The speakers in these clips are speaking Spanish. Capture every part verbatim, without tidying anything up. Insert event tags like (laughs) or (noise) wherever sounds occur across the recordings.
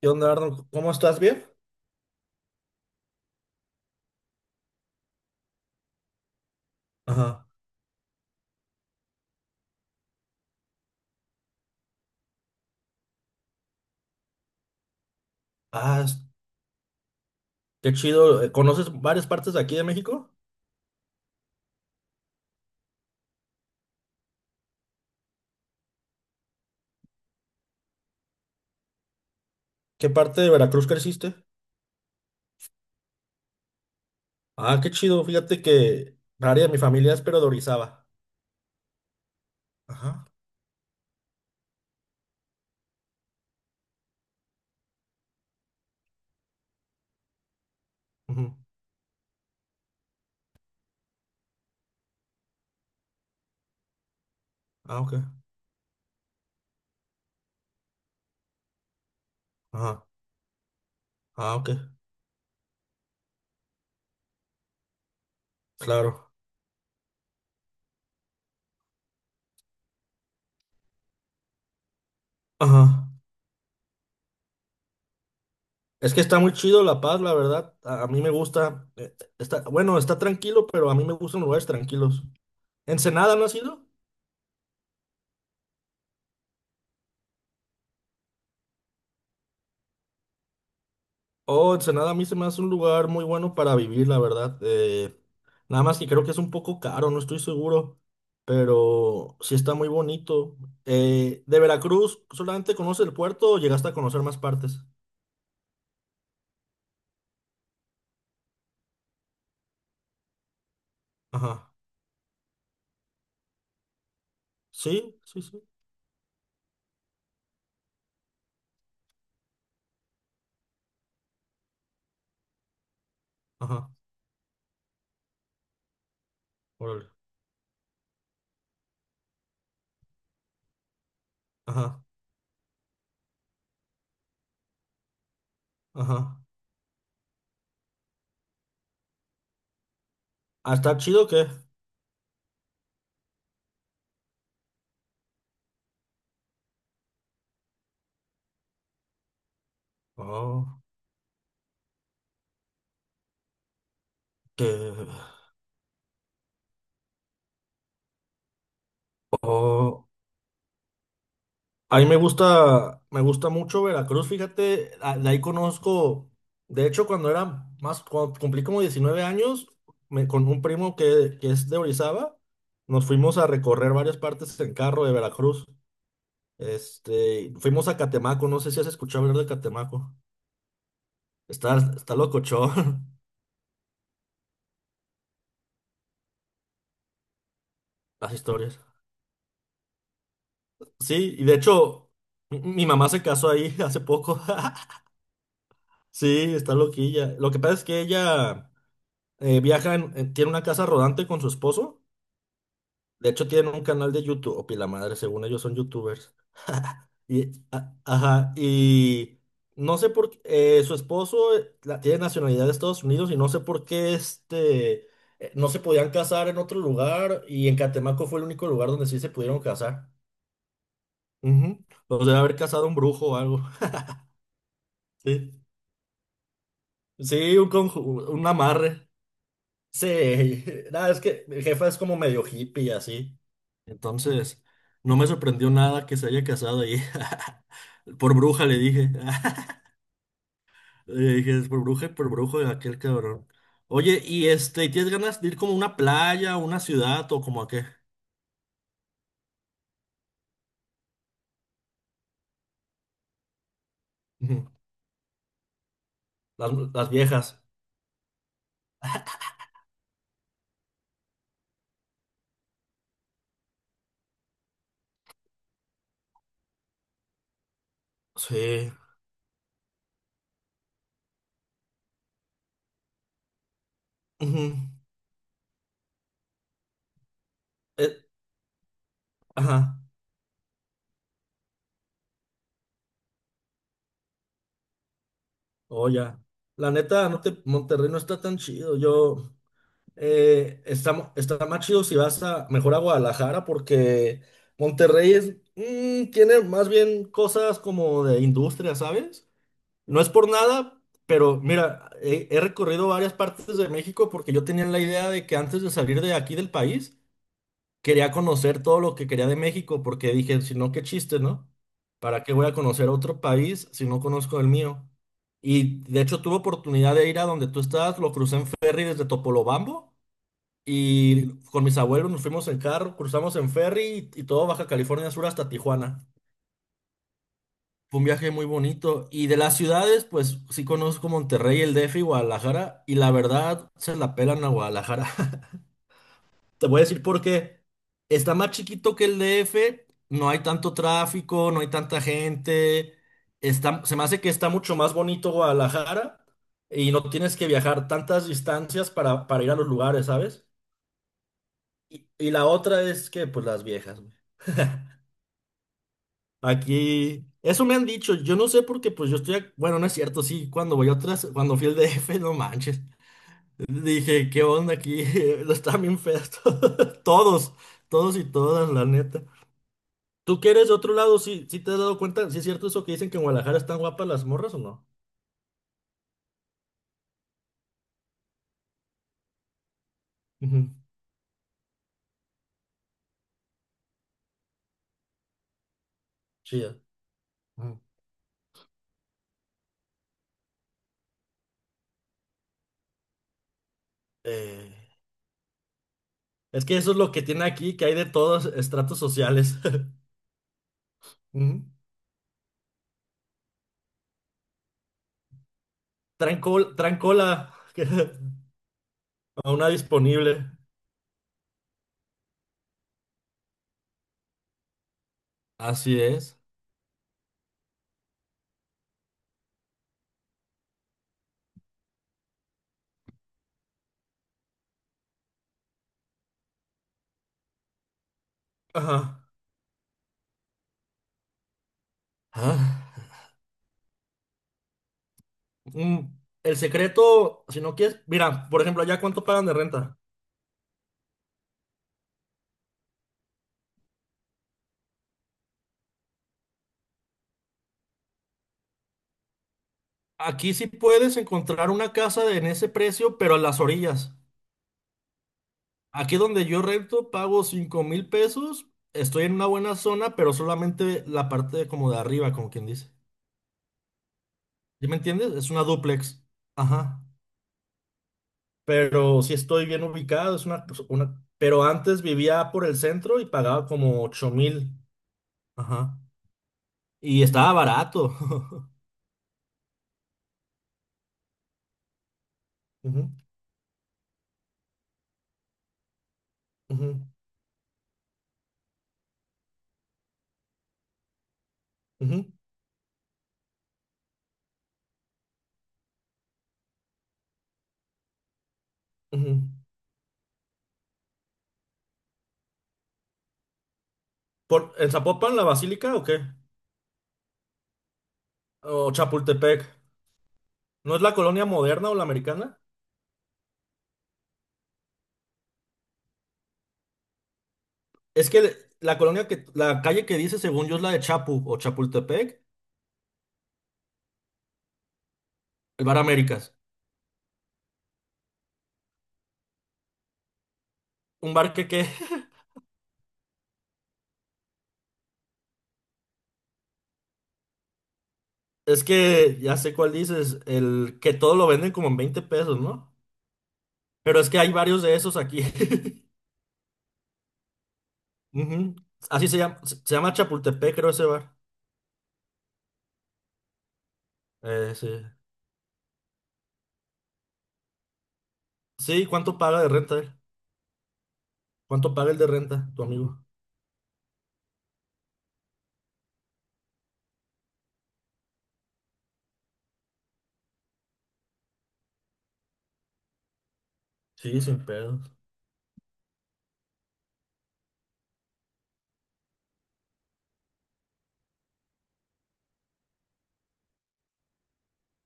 ¿Qué onda, Arnold? ¿Cómo estás? ¿Bien? Ajá. Ah, es- qué chido. Eh, ¿Conoces varias partes de aquí de México? ¿Qué parte de Veracruz creciste? Ah, qué chido. Fíjate que área de mi familia es pero de Orizaba. Ajá. Ujú. Ah, ok. Ajá. Ah, ok. Claro. Ajá. Es que está muy chido La Paz, la verdad. A, a mí me gusta. eh, Está, bueno, está tranquilo, pero a mí me gustan lugares tranquilos. ¿Ensenada no has ido? Oh, Ensenada a mí se me hace un lugar muy bueno para vivir, la verdad. Eh, nada más que creo que es un poco caro, no estoy seguro, pero sí está muy bonito. Eh, ¿de Veracruz solamente conoces el puerto o llegaste a conocer más partes? Ajá. Sí, sí, sí. Ajá. Órale. Ajá, ajá. ¿Ah, está chido o qué? Oh, que. Oh. A mí me gusta, me gusta mucho Veracruz, fíjate, a- de ahí conozco, de hecho cuando era más, cuando cumplí como diecinueve años, me- con un primo que, que es de Orizaba, nos fuimos a recorrer varias partes en carro de Veracruz. Este, fuimos a Catemaco, no sé si has escuchado hablar de Catemaco. Está, está locochón. (laughs) Las historias. Sí, y de hecho, mi mi mamá se casó ahí (laughs) hace poco. (laughs) Sí, está loquilla. Lo que pasa es que ella. Eh, viajan, eh, tiene una casa rodante con su esposo. De hecho, tienen un canal de YouTube. O pila madre, según ellos son youtubers. Y, a- ajá, y no sé por qué. Eh, su esposo eh, la- tiene nacionalidad de Estados Unidos y no sé por qué este, eh, no se podían casar en otro lugar. Y en Catemaco fue el único lugar donde sí se pudieron casar. Ujú. Los debe haber casado un brujo o algo. (laughs) Sí, sí, un conju- un amarre. Sí, (laughs) nada, es que mi jefa es como medio hippie y así. Entonces, no me sorprendió nada que se haya casado ahí. (laughs) Por bruja le dije. (laughs) Le dije, es por bruja y por brujo de aquel cabrón. Oye, y este, ¿tienes ganas de ir como a una playa, a una ciudad o como a qué? Ujú. Las, las viejas. Sí. Ujú. Eh, ajá. Oh, ya. La neta, no te, Monterrey no está tan chido. Yo. Eh, está, mo- está más chido si vas a mejor a Guadalajara porque Monterrey es, mm, tiene más bien cosas como de industria, ¿sabes? No es por nada, pero mira, he, he recorrido varias partes de México porque yo tenía la idea de que antes de salir de aquí del país quería conocer todo lo que quería de México porque dije, si no, qué chiste, ¿no? ¿Para qué voy a conocer otro país si no conozco el mío? Y de hecho tuve oportunidad de ir a donde tú estás, lo crucé en ferry desde Topolobampo. Y con mis abuelos nos fuimos en carro, cruzamos en ferry y, y todo Baja California Sur hasta Tijuana. Fue un viaje muy bonito. Y de las ciudades, pues sí conozco Monterrey, el D F y Guadalajara. Y la verdad, se la pelan a Guadalajara. (laughs) Te voy a decir por qué. Está más chiquito que el D F, no hay tanto tráfico, no hay tanta gente. Está, se me hace que está mucho más bonito Guadalajara y no tienes que viajar tantas distancias para, para ir a los lugares, ¿sabes? Y, y la otra es que, pues las viejas. Aquí, eso me han dicho, yo no sé por qué, pues yo estoy, ac- bueno, no es cierto, sí, cuando voy a otras, cuando fui al D F, no manches, dije, ¿qué onda aquí? (laughs) Están bien feas todas, (laughs) todos, todos y todas, la neta. ¿Tú que eres de otro lado, sí, sí te has dado cuenta, si es cierto eso que dicen que en Guadalajara están guapas las morras o no? Ujú, sí, eh, ujú. Eh, es que eso es lo que tiene aquí, que hay de todos estratos sociales. (laughs) Ujú. Traen col- traen cola (laughs) a una disponible. Así es. Ajá. Ah, mm, el secreto, si no quieres, mira, por ejemplo, allá cuánto pagan de renta. Aquí sí puedes encontrar una casa de- en ese precio, pero a las orillas. Aquí donde yo rento pago cinco mil pesos. Estoy en una buena zona, pero solamente la parte como de arriba, como quien dice. ¿Sí me entiendes? Es una duplex. Ajá. Pero sí estoy bien ubicado, es una, pues, una. Pero antes vivía por el centro y pagaba como ocho mil. Ajá. Y estaba barato. (laughs) Ujú, ujú, ujú. Ujú. Por, ¿en Zapopan la Basílica o qué? ¿O Chapultepec? ¿No es la colonia moderna o la americana? Es que le- la colonia que, la calle que dice, según yo, es la de Chapu o Chapultepec, el Bar Américas. Un bar que, qué. (laughs) Es que ya sé cuál dices, el que todo lo venden como en veinte pesos, ¿no? Pero es que hay varios de esos aquí. (laughs) Ujú. Así se llama, se se llama Chapultepec, creo, ese bar. Eh, sí. Sí, ¿cuánto paga de renta él? ¿Cuánto paga el de renta, tu amigo? Sí, sin pedos.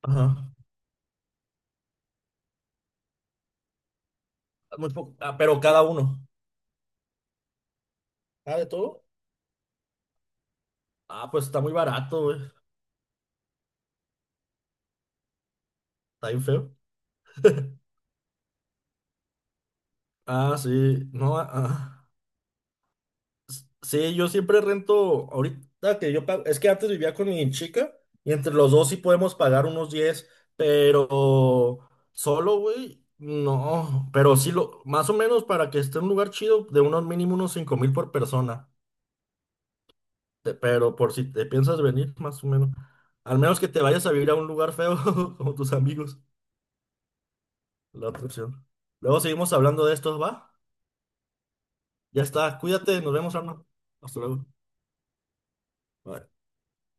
Ajá. Muy poco. Ah, pero cada uno. Ah, de todo. Ah, pues está muy barato, güey. Está bien feo. Ah, sí. No, ah. Ah. S- Sí, yo siempre rento. Ahorita que yo pago. Es que antes vivía con mi chica. Y entre los dos sí podemos pagar unos diez. Pero solo, güey. No. Pero sí lo. Más o menos para que esté en un lugar chido, de unos mínimo unos cinco mil por persona. Te- Pero por si te piensas venir, más o menos. Al menos que te vayas a vivir a un lugar feo, (laughs) como tus amigos. La otra opción. Luego seguimos hablando de estos, ¿va? Ya está. Cuídate, nos vemos, Arno. Hasta luego. Bye.